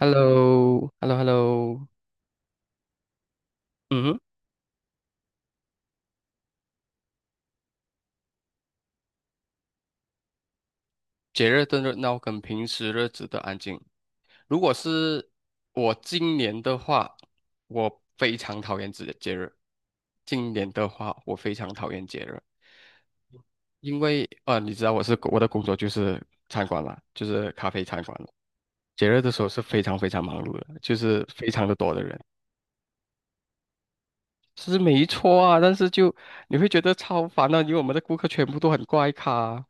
Hello Hello Hello 嗯哼，节日的热闹跟平时日子的安静。如果是我今年的话，我非常讨厌节日。今年的话，我非常讨厌节日，因为你知道我的工作就是餐馆啦，就是咖啡餐馆了。节日的时候是非常非常忙碌的，就是非常的多的人。是没错啊，但是就你会觉得超烦的，因为我们的顾客全部都很怪咖，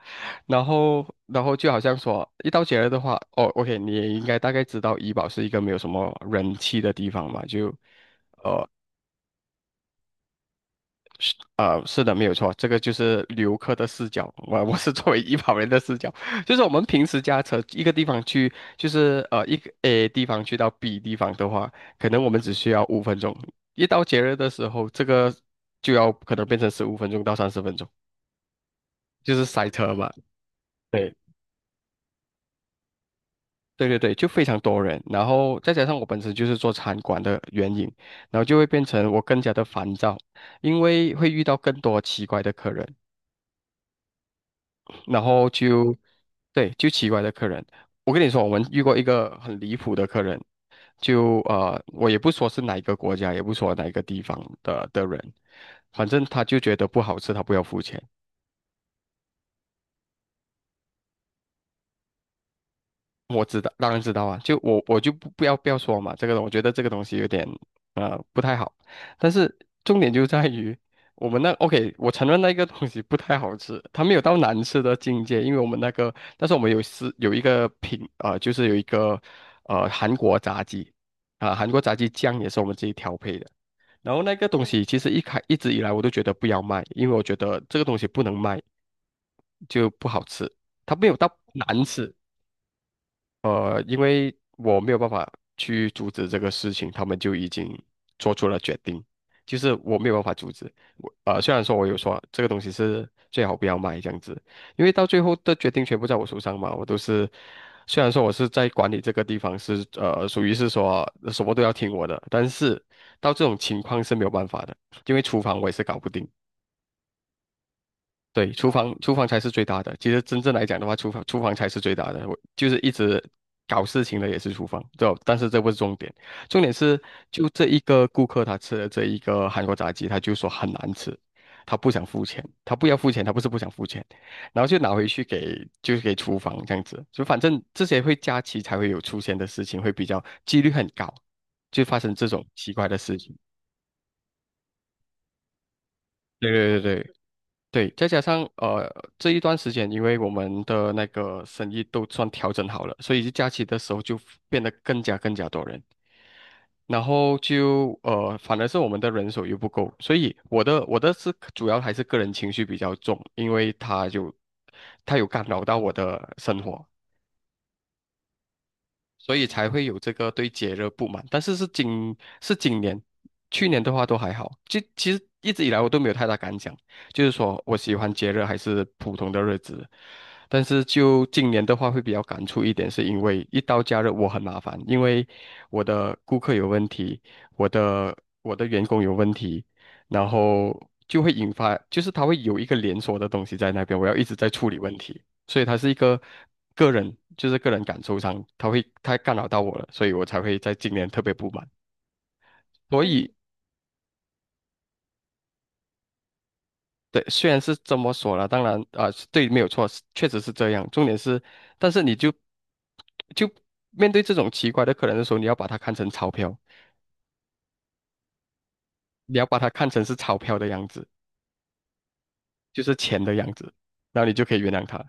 然后就好像说一到节日的话，哦，OK，你也应该大概知道怡保是一个没有什么人气的地方嘛，就呃。是是的，没有错，这个就是游客的视角。我是作为医保人的视角，就是我们平时驾车一个地方去，就是一个 A 地方去到 B 地方的话，可能我们只需要五分钟。一到节日的时候，这个就要可能变成15分钟到30分钟，就是塞车嘛。对，对对对，就非常多人，然后再加上我本身就是做餐馆的原因，然后就会变成我更加的烦躁，因为会遇到更多奇怪的客人。然后就对，就奇怪的客人。我跟你说，我们遇过一个很离谱的客人，就我也不说是哪一个国家，也不说哪一个地方的人，反正他就觉得不好吃，他不要付钱。我知道，当然知道啊，就我就不要说嘛，这个我觉得这个东西有点不太好，但是重点就在于我们那 OK，我承认那个东西不太好吃，它没有到难吃的境界，因为我们那个，但是我们有是有一个品，就是有一个韩国炸鸡啊、韩国炸鸡酱也是我们自己调配的，然后那个东西其实一直以来我都觉得不要卖，因为我觉得这个东西不能卖，就不好吃，它没有到难吃，因为我没有办法去阻止这个事情，他们就已经做出了决定，就是我没有办法阻止。我虽然说我有说这个东西是最好不要买这样子，因为到最后的决定全部在我手上嘛，我都是，虽然说我是在管理这个地方是属于是说什么都要听我的，但是到这种情况是没有办法的，因为厨房我也是搞不定。对，厨房才是最大的。其实真正来讲的话，厨房才是最大的。我就是一直搞事情的也是厨房，对吧但是这不是重点，重点是就这一个顾客他吃了这一个韩国炸鸡，他就说很难吃，他不想付钱，他不要付钱，他不是不想付钱，然后就拿回去给就是给厨房这样子，就反正这些会假期才会有出现的事情，会比较几率很高，就发生这种奇怪的事情。对对对对。对，再加上这一段时间，因为我们的那个生意都算调整好了，所以假期的时候就变得更加多人，然后就反而是我们的人手又不够，所以我的是主要还是个人情绪比较重，因为他就有干扰到我的生活，所以才会有这个对节日不满。但是今年，去年的话都还好。就其实一直以来我都没有太大感想，就是说我喜欢节日还是普通的日子。但是就今年的话会比较感触一点，是因为一到假日我很麻烦，因为我的顾客有问题，我的我的员工有问题，然后就会引发，就是他会有一个连锁的东西在那边，我要一直在处理问题。所以他是一个个人，就是个人感受上，他干扰到我了，所以我才会在今年特别不满。所以，对，虽然是这么说了，当然啊、是对，没有错，是确实是这样。重点是，但是你就面对这种奇怪的客人的时候，你要把它看成钞票，你要把它看成是钞票的样子，就是钱的样子，然后你就可以原谅他。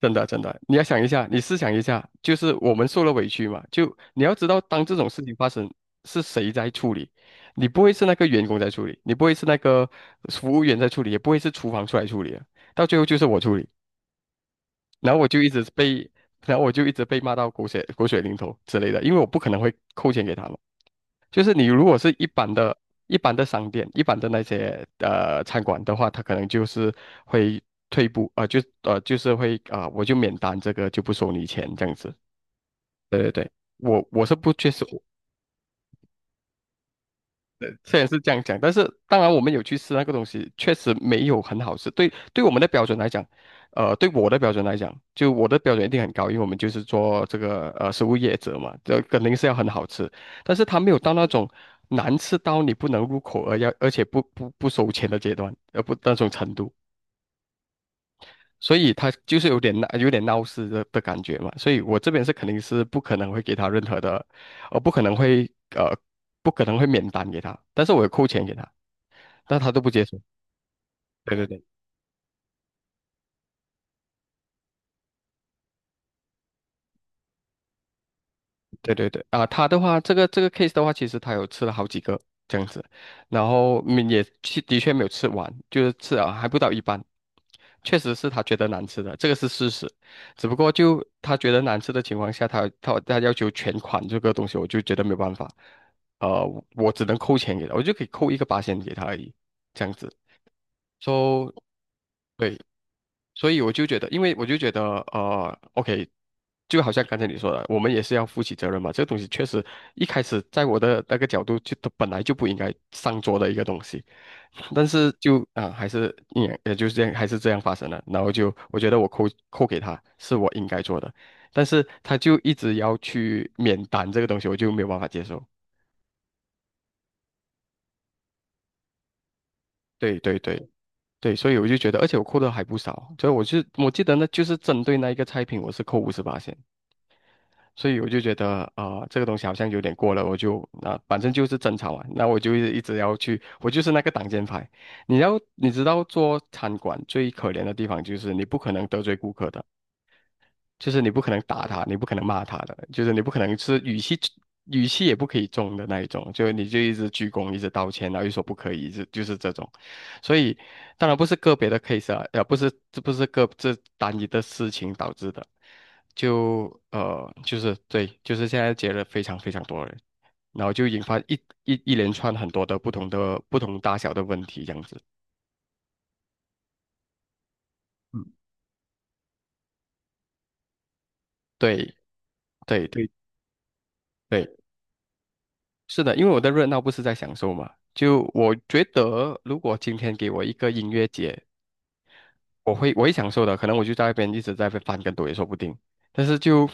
真的，真的，你要想一下，你思想一下，就是我们受了委屈嘛，就你要知道，当这种事情发生，是谁在处理？你不会是那个员工在处理，你不会是那个服务员在处理，也不会是厨房出来处理的，到最后就是我处理。然后我就一直被，然后我就一直被骂到狗血淋头之类的，因为我不可能会扣钱给他们。就是你如果是一般的、一般的商店、一般的那些餐馆的话，他可能就是会退步啊、就是会啊、我就免单，这个就不收你钱这样子。对对对，我是不接受，虽然是这样讲，但是当然我们有去吃那个东西，确实没有很好吃。对，对我们的标准来讲，对我的标准来讲，就我的标准一定很高，因为我们就是做这个食物业者嘛，这肯定是要很好吃。但是他没有到那种难吃到你不能入口而要，而且不收钱的阶段，呃不那种程度，所以他就是有点闹事的感觉嘛。所以我这边是肯定是不可能会给他任何的，不可能会呃不可能会免单给他，但是我有扣钱给他。那他都不接受。对对对对对对啊，他的话，这个 case 的话，其实他有吃了好几个这样子，然后也的确没有吃完，就是吃了还不到一半，确实是他觉得难吃的，这个是事实。只不过就他觉得难吃的情况下，他要求全款这个东西，我就觉得没有办法，呃，我只能扣钱给他，我就可以扣一个8000给他而已，这样子。说，对，所以我就觉得，因为我就觉得，OK，就好像刚才你说的，我们也是要负起责任嘛。这个东西确实一开始在我的那个角度就，它本来就不应该上桌的一个东西，但是就啊、也就是这样，还是这样发生了。然后就我觉得我扣给他是我应该做的，但是他就一直要去免单这个东西，我就没有办法接受。对对对对，所以我就觉得，而且我扣的还不少，所以我记得呢，就是针对那一个菜品，我是扣58。所以我就觉得啊、这个东西好像有点过了，我就啊、反正就是争吵啊，那我就一直要去，我就是那个挡箭牌。你知道做餐馆最可怜的地方就是你不可能得罪顾客的，就是你不可能打他，你不可能骂他的，就是你不可能是语气也不可以重的那一种，就你就一直鞠躬，一直道歉，然后又说不可以，就是这种。所以当然不是个别的 case 啊，不是这不是个这单一的事情导致的，对，就是现在结了非常多人，然后就引发一连串很多的不同的不同大小的问题这样子。嗯，对对对对。是的，因为我的热闹不是在享受嘛。就我觉得，如果今天给我一个音乐节，我会享受的，可能我就在那边一直在那边翻跟斗也说不定。但是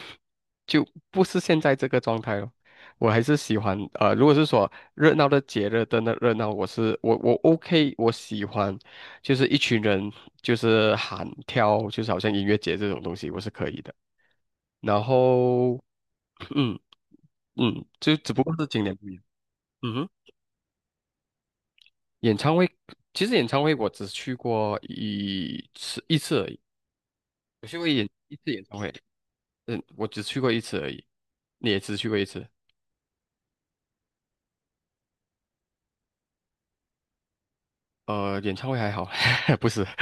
就不是现在这个状态了。我还是喜欢如果是说热闹的节日的那热闹，我 OK，我喜欢就是一群人就是喊跳，就是好像音乐节这种东西，我是可以的。然后 嗯嗯，就只不过是今年不一样。嗯哼。演唱会，其实演唱会我只去过一次而已，我去过演一次演唱会，嗯，我只去过一次而已，你也只去过一次，演唱会还好，不是，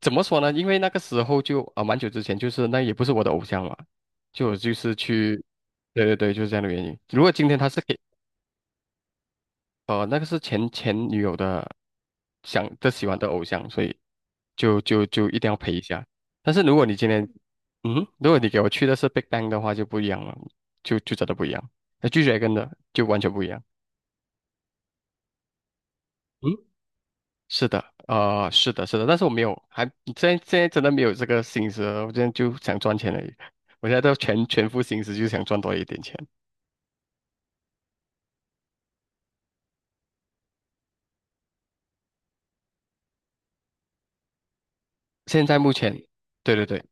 怎么说呢？因为那个时候蛮久之前，就是那也不是我的偶像嘛，去，对对对，就是这样的原因。如果今天他是给。那个是前前女友的喜欢的偶像，所以就一定要陪一下。但是如果你今天，嗯哼，如果你给我去的是 Big Bang 的话，就不一样了，真的不一样。那拒绝跟的就完全不一样。嗯，是的，是的，是的，但是我没有，现在真的没有这个心思了，我现在就想赚钱而已。我现在都全副心思，就想赚多一点钱。现在目前，对对对。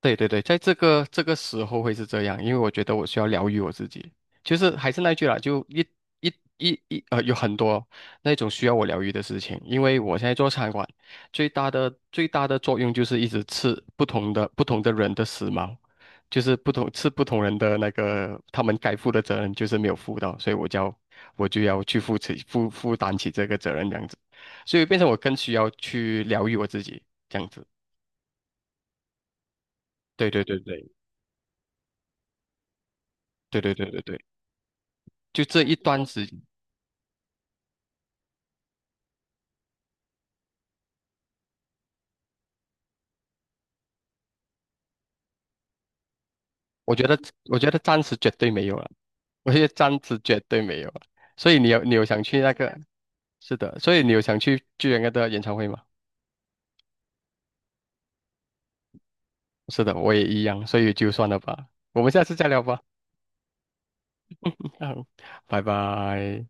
对对对，在这个时候会是这样，因为我觉得我需要疗愈我自己。就是还是那句啦，就一一一一呃，有很多那种需要我疗愈的事情。因为我现在做餐馆，最大的作用就是一直吃不同的人的食髦，就是不同吃不同人的那个他们该负的责任就是没有负到，所以我就要去负担起这个责任这样子，所以变成我更需要去疗愈我自己这样子。对对对对对对对对对。就这一段时，我觉得我觉得暂时绝对没有了，我觉得暂时绝对没有了。所以你有想去那个？是的，所以你有想去巨人哥的演唱会吗？是的，我也一样，所以就算了吧，我们下次再聊吧。拜拜。